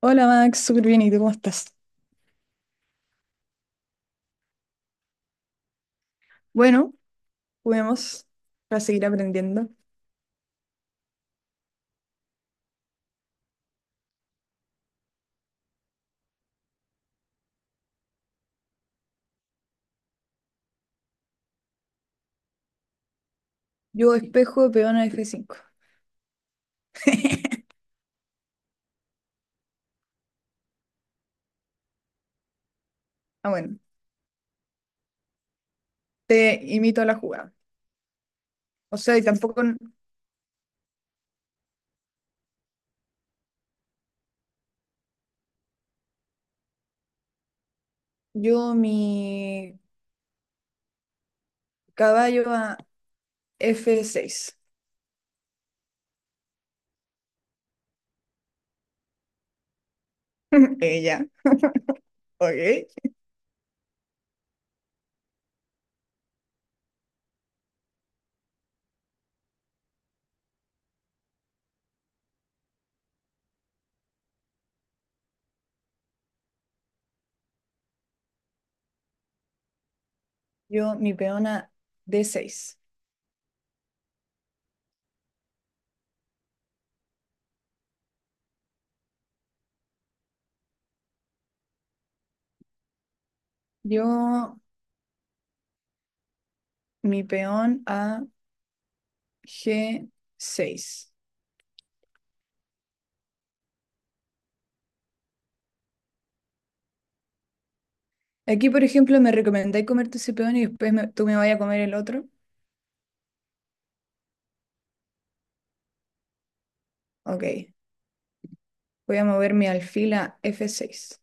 Hola Max, súper bien, ¿y tú cómo estás? Bueno, juguemos para seguir aprendiendo. Yo espejo, peón a F5. Ah, bueno, te imito a la jugada. O sea, y tampoco n- yo mi caballo a F6. Ella, ok. Yo mi peón a D6. Yo mi peón a G6. Aquí, por ejemplo, me recomendáis comerte ese peón y después tú me vayas a comer el otro. Ok. Voy a mover mi alfil a F6.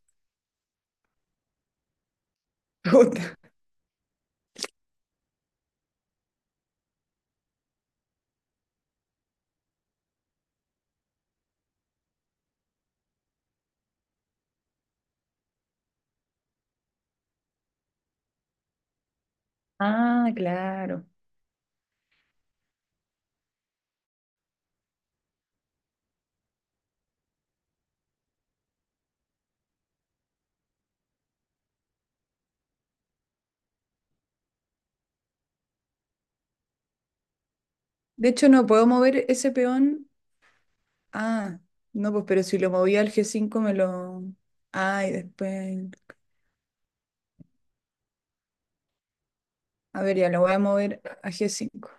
Puta. Ah, claro. De hecho, no puedo mover ese peón. Ah, no, pues, pero si lo moví al G5 me lo. Ah, y después. A ver, ya lo voy a mover a G5.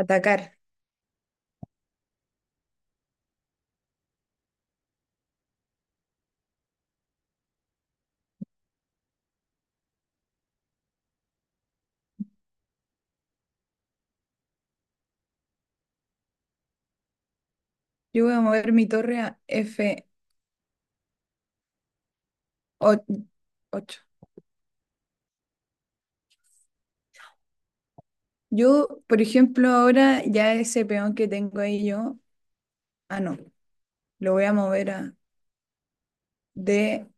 Atacar. Yo voy a mover mi torre a F8. Yo, por ejemplo, ahora ya ese peón que tengo ahí yo. Ah, no. Lo voy a mover a D4.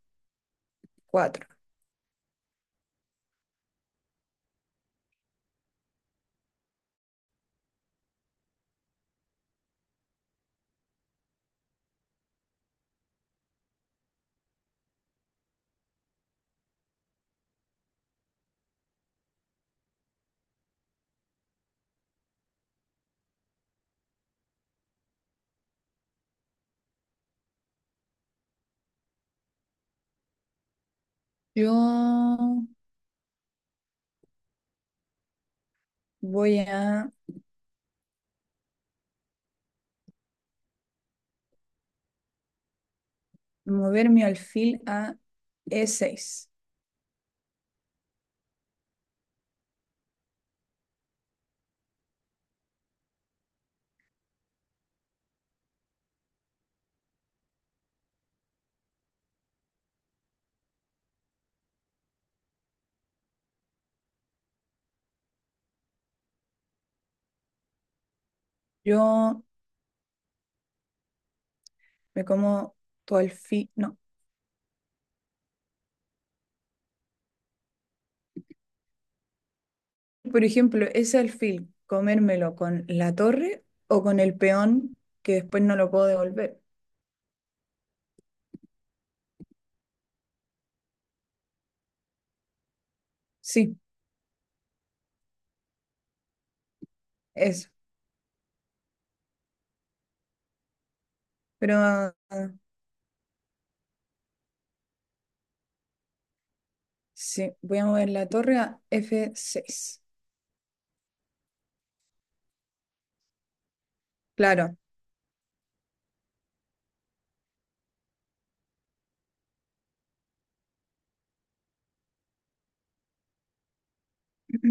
Yo voy a mover mi alfil a E6. Yo me como tu alfil. No. Por ejemplo, ese alfil, comérmelo con la torre o con el peón que después no lo puedo devolver. Sí, eso. Pero ah, sí, voy a mover la torre a F6. Claro.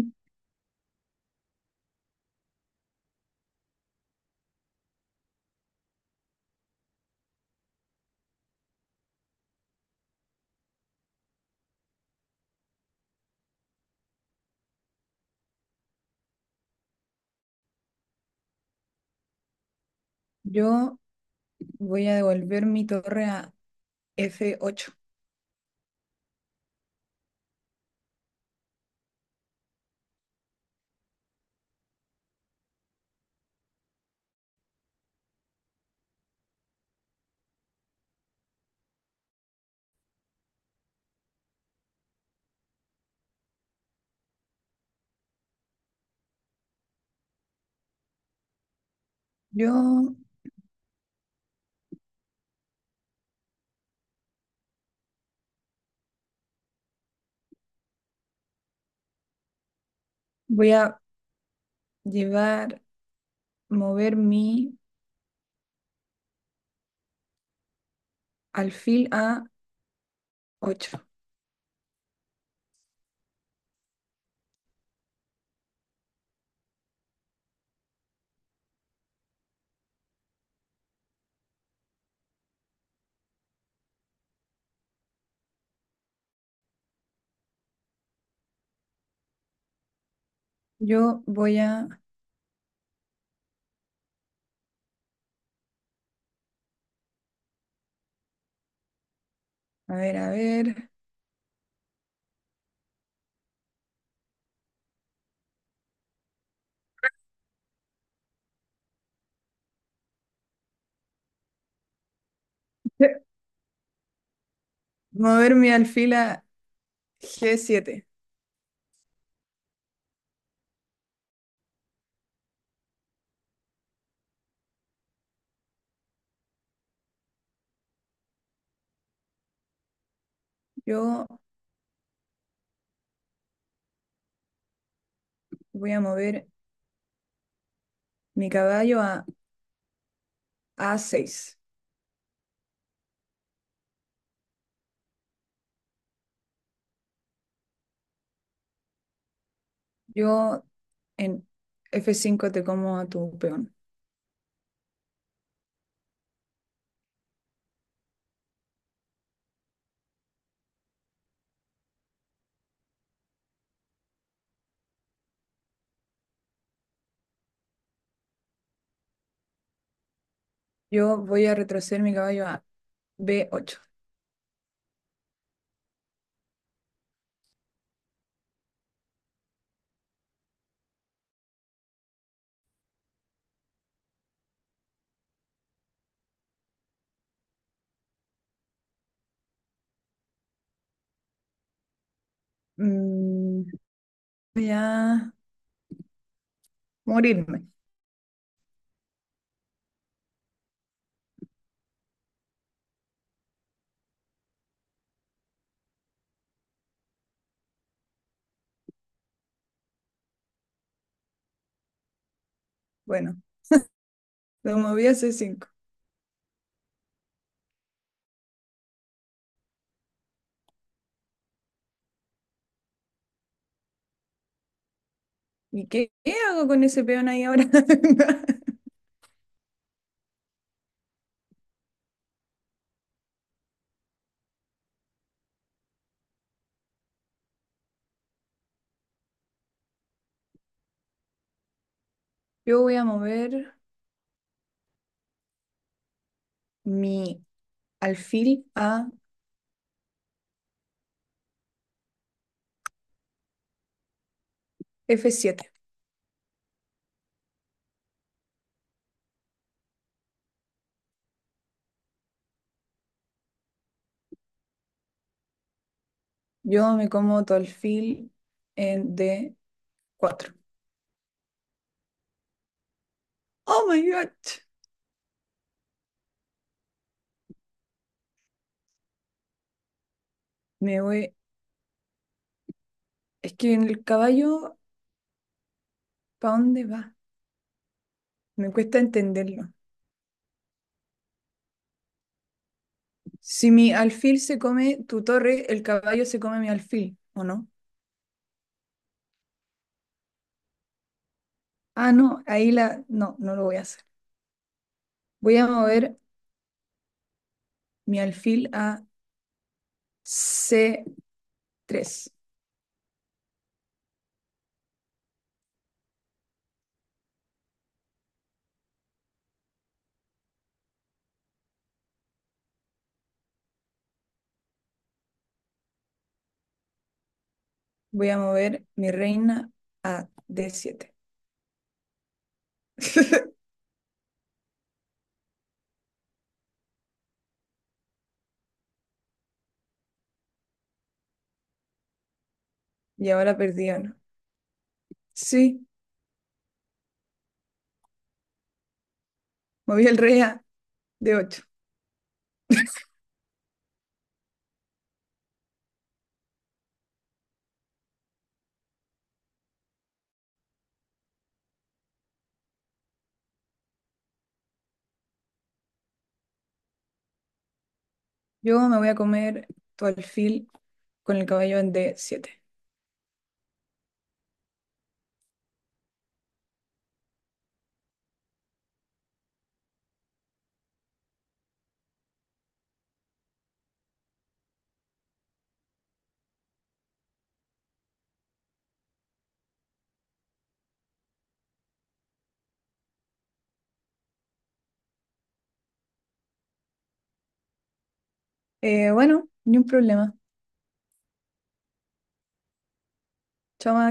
Yo voy a devolver mi torre a F8. Yo voy a llevar, mover mi alfil a ocho. Yo voy a ver, mover mi alfil a G7. Yo voy a mover mi caballo a A6. Yo en F5 te como a tu peón. Yo voy a retroceder mi caballo a B8. Mm, voy a morirme. Bueno, lo moví a C5. ¿Y qué hago con ese peón ahí ahora? Yo voy a mover mi alfil a F7. Yo me como todo el fil en D4. ¡Oh, my God! Me voy. Es que en el caballo, ¿para dónde va? Me cuesta entenderlo. Si mi alfil se come tu torre, el caballo se come mi alfil, ¿o no? Ah, no, ahí la. No, no lo voy a hacer. Voy a mover mi alfil a C3. Voy a mover mi reina a D7. Y ahora perdí, ¿o no? Sí, moví el rey a D8. Yo me voy a comer tu alfil con el cabello en D7. Bueno, ni un problema. Chao,